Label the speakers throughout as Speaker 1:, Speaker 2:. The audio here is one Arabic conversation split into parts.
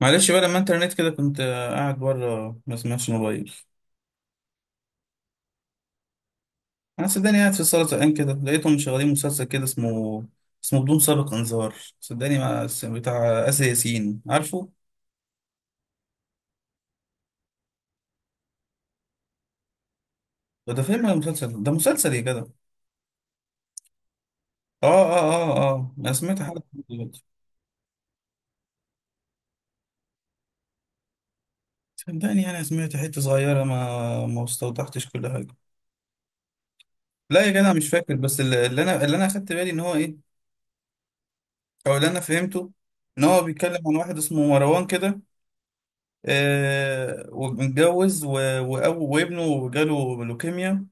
Speaker 1: معلش بقى لما انت رنيت كده كنت قاعد بره، ما سمعتش الموبايل. انا صدقني قاعد في الصاله زهقان كده، لقيتهم مشغلين مسلسل كده اسمه بدون سابق انذار. صدقني ما بتاع آسر ياسين، عارفه؟ ده فيلم ولا مسلسل؟ ده مسلسل يا جدع. اه انا سمعت حلقه دلوقتي. صدقني انا سمعت حته صغيره، ما استوضحتش كل حاجه. لا يا جدع، مش فاكر. بس اللي انا اخدت بالي ان هو ايه، او اللي انا فهمته، ان هو بيتكلم عن واحد اسمه مروان كده. ومتجوز وابنه جاله لوكيميا.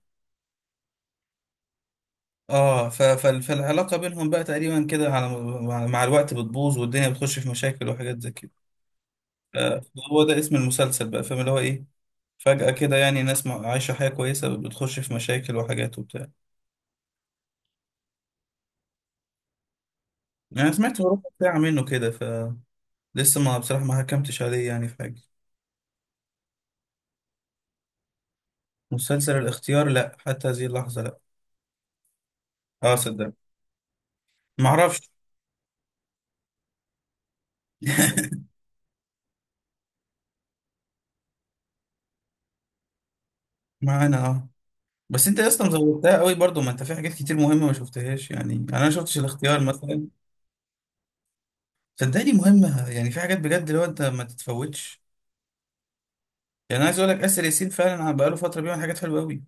Speaker 1: فالعلاقة بينهم بقى تقريبا كده، على مع الوقت بتبوظ، والدنيا بتخش في مشاكل وحاجات زي كده. آه، هو ده اسم المسلسل بقى، فاهم اللي هو ايه؟ فجأة كده يعني، ناس عايشة حياة كويسة بتخش في مشاكل وحاجات وبتاع. يعني سمعت ربع ساعة منه كده، فلسه ما بصراحة ما حكمتش عليه يعني في حاجة. مسلسل الاختيار، لا حتى هذه اللحظة لا. اه صدق. معرفش. معانا اه. بس انت يا اسطى مزودتها قوي برضو، ما انت في حاجات كتير مهمه ما شفتهاش، يعني انا ما شفتش الاختيار مثلا. صدقني مهمه، يعني في حاجات بجد اللي هو انت ما تتفوتش. يعني انا عايز اقول لك، اسر ياسين فعلا أنا بقاله فتره بيعمل حاجات حلوه قوي.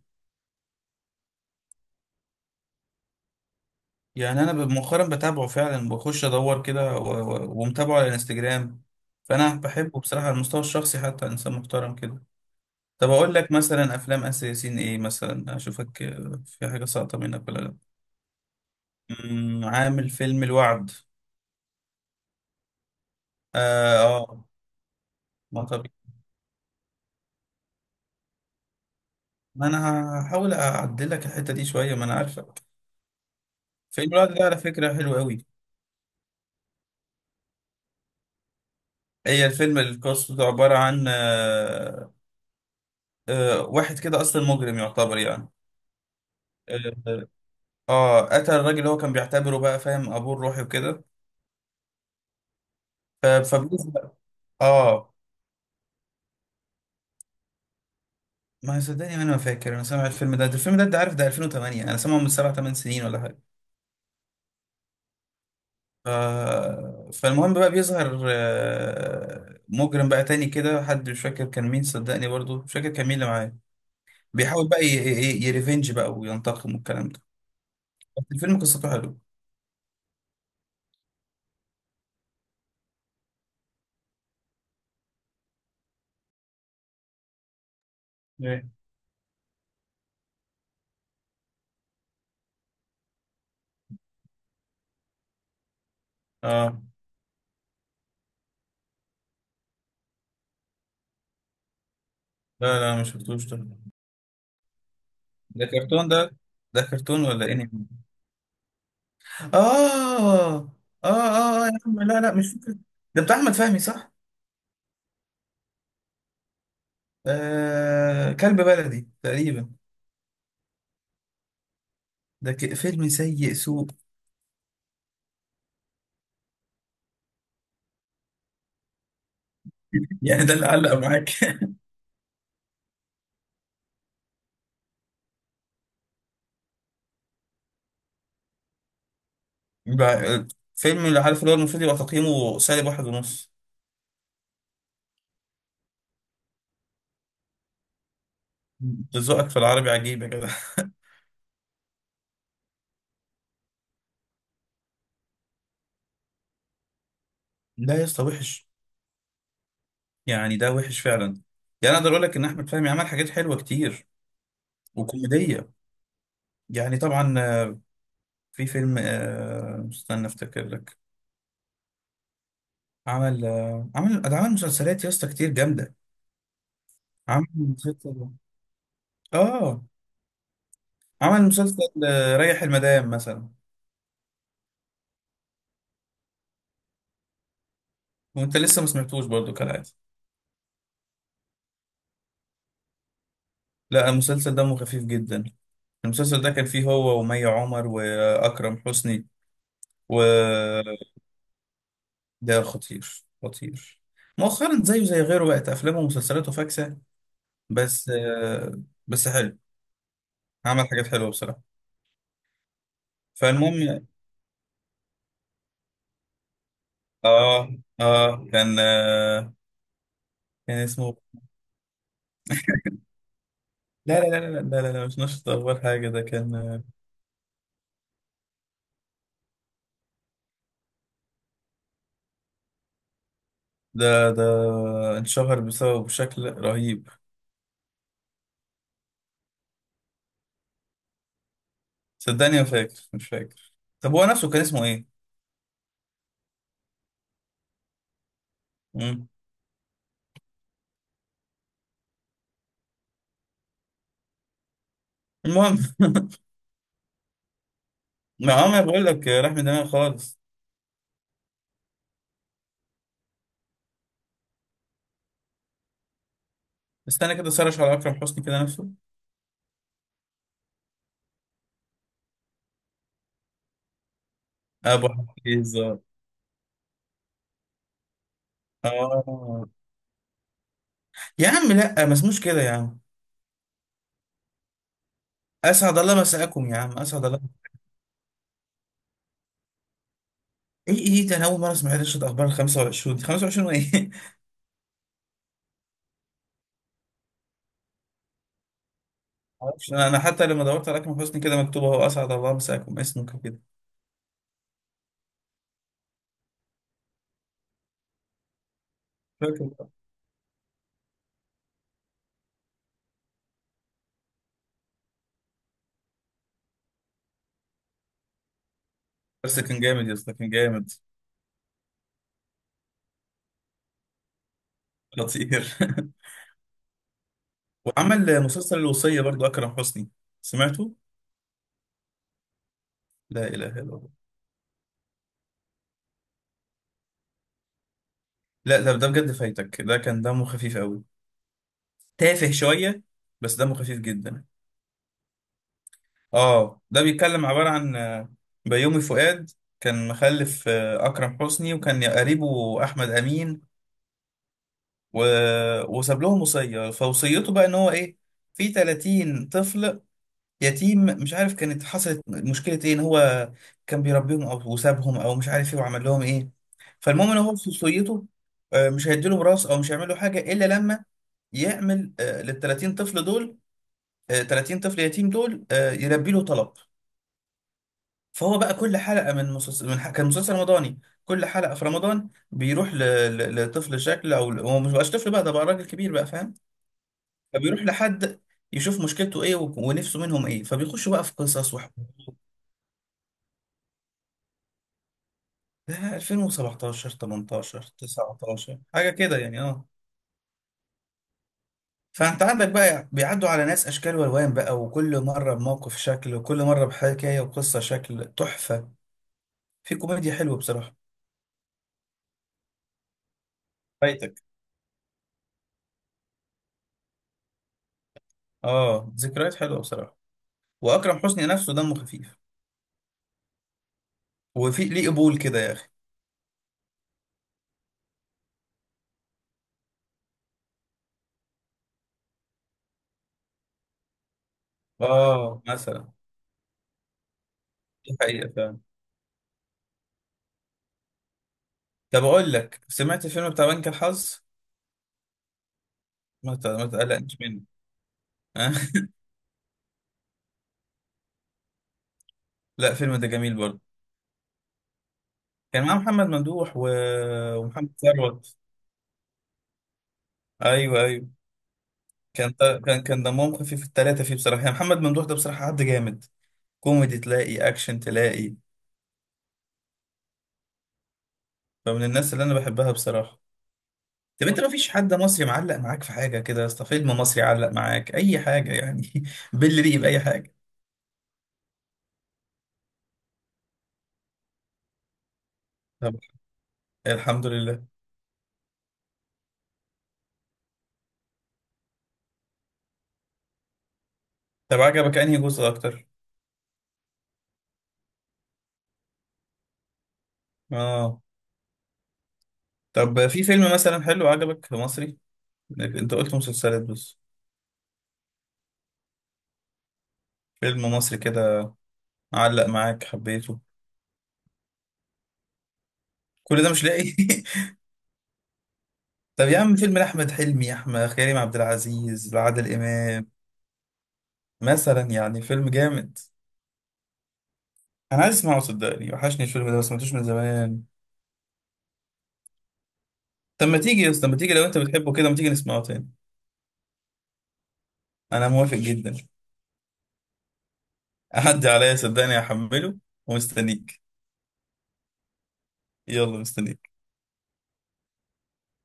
Speaker 1: يعني انا مؤخرا بتابعه فعلا، بخش ادور كده ومتابعه على الانستجرام. فانا بحبه بصراحه على المستوى الشخصي، حتى انسان محترم كده. طب اقول لك مثلا افلام اسر ياسين ايه مثلا، اشوفك في حاجه ساقطه منك ولا لا؟ عامل فيلم الوعد. اه, آه. ما ما انا هحاول اعدل لك الحته دي شويه، ما انا عارفك. فيلم الوقت ده على فكره حلو قوي. هي الفيلم القصه بتاعه عباره عن واحد كده اصلا مجرم يعتبر يعني. اه قتل الراجل اللي هو كان بيعتبره بقى، فاهم، ابوه الروحي وكده. فبيسبق. اه. ما صدقني، ما انا ما فاكر، انا سامع الفيلم ده الفيلم ده، انت عارف، ده 2008، انا سامعه من سبع ثمان سنين ولا حاجه. ف... فالمهم بقى، بيظهر مجرم بقى تاني كده، حد مش فاكر كان مين، صدقني برضو مش فاكر كان مين اللي معاه. بيحاول بقى يريفنج بقى، وينتقم والكلام ده. بس الفيلم قصته حلوه. ايه. اه، لا لا، ما شفتوش ده. ده كرتون ده كرتون ولا انمي؟ اه اه يا عم لا لا، مش فاكر. ده بتاع احمد فهمي، صح؟ كلب بلدي تقريبا. ده فيلم سيء سوء. يعني ده اللي علق معاك؟ بقى- فيلم اللي عارف اللي هو المفروض يبقى تقييمه سالب واحد ونص. أنت ذوقك في العربي عجيب يا جدع. لا يا اسطى وحش، يعني ده وحش فعلا. يعني اقدر اقول لك ان احمد فهمي عمل حاجات حلوه كتير وكوميديه. يعني طبعا، في فيلم، استنى افتكر لك. عمل آه، عمل ده عمل مسلسلات يا اسطى كتير جامده. عمل مسلسل اه عمل مسلسل ريح المدام مثلا. وانت لسه ما سمعتوش برضو كالعاده. لا، المسلسل دمه خفيف جدا. المسلسل ده كان فيه هو ومي عمر واكرم حسني. وده خطير خطير. مؤخرا زيه زي غيره بقت افلامه ومسلسلاته فاكسه، بس آه، بس حلو. عمل حاجات حلوه بصراحه. فالمهم. اه اه كان آه كان اسمه. لا لا لا لا لا لا, لا مش نشط اول حاجه ده كان. ده اتشهر بسبب، بشكل رهيب. صدقني ما فاكر، مش فاكر. طب هو نفسه كان اسمه ايه؟ مم. المهم، ما عمري بقول لك، راح من دماغي خالص. استنى كده سرش على اكرم حسني كده نفسه. ابو حفيظ؟ اه. يا عم لا، ما اسموش كده يا عم. اسعد الله مساءكم يا عم، اسعد الله. ايه ده؟ انا اول مره اسمع رشة اخبار ال 25 دي، 25 وايه؟ معرفش أنا حتى لما دورت على اكرم حسني كده، مكتوب اهو اسعد الله مساكم اسمك كده. فاكر بقى. بس كان جامد يا اسطى، كان جامد. خطير. وعمل مسلسل الوصيه برضو اكرم حسني، سمعته؟ لا اله الا الله. لا ده بجد فايتك، ده كان دمه خفيف قوي. تافه شويه، بس دمه خفيف جدا. اه، ده بيتكلم، عباره عن بيومي فؤاد. كان مخلف اكرم حسني، وكان قريبه احمد امين. و... وساب لهم وصية، فوصيته بقى ان هو ايه. في 30 طفل يتيم، مش عارف كانت حصلت مشكلة ايه، ان هو كان بيربيهم او وسابهم او مش عارف ايه، وعمل لهم ايه. فالمهم ان هو في وصيته مش هيديلهم راس، او مش هيعمل له حاجة الا لما يعمل لل 30 طفل دول، 30 طفل يتيم دول يلبي له طلب. فهو بقى كل حلقة من مسلسل، كان مسلسل رمضاني. كل حلقة في رمضان بيروح لطفل شكل، او هو مش بقاش طفل بقى، ده بقى راجل كبير بقى، فاهم. فبيروح لحد يشوف مشكلته ايه ونفسه منهم ايه، فبيخشوا بقى في قصص وحوار. ده 2017 18 19 حاجه كده يعني، اه. فانت عندك بقى يعني، بيعدوا على ناس اشكال والوان بقى، وكل مره بموقف شكل، وكل مره بحكايه وقصه شكل تحفه. في كوميديا حلوه بصراحه. فايتك. اه، ذكريات حلوه بصراحه. واكرم حسني نفسه دمه خفيف. وفي ليه قبول كده يا اخي. اه مثلا. دي حقيقه فعلا. طب اقول لك، سمعت الفيلم بتاع بنك الحظ؟ ما تقلقنيش منه. لا، فيلم ده جميل برضه. كان معاه محمد ممدوح ومحمد ثروت. ايوه، ايوه. كان كان دمهم خفيف الثلاثه فيه بصراحه. يعني محمد ممدوح ده بصراحه حد جامد، كوميدي تلاقي، اكشن تلاقي. فمن الناس اللي انا بحبها بصراحه. طب انت، ما فيش حد مصري معلق معاك في حاجه كده يا اسطى؟ فيلم مصري علق معاك اي حاجه يعني؟ باللي ريق، باي حاجه. طب، الحمد لله. طب عجبك انهي جزء اكتر؟ اه. طب في فيلم مثلا حلو عجبك مصري؟ انت قلت مسلسلات بس. فيلم مصري كده علق معاك، حبيته. كل ده مش لاقي؟ طب يا عم فيلم لأحمد حلمي، أحمد، كريم عبد العزيز، لعادل إمام مثلا، يعني فيلم جامد. أنا عايز أسمعه صدقني، وحشني الفيلم ده، ما سمعتوش من زمان. طب ما تيجي يا اسطى، ما تيجي لو أنت بتحبه كده، ما تيجي نسمعه تاني. أنا موافق جدا. أعدي عليا صدقني، هحمله ومستنيك. يلا مستنيك.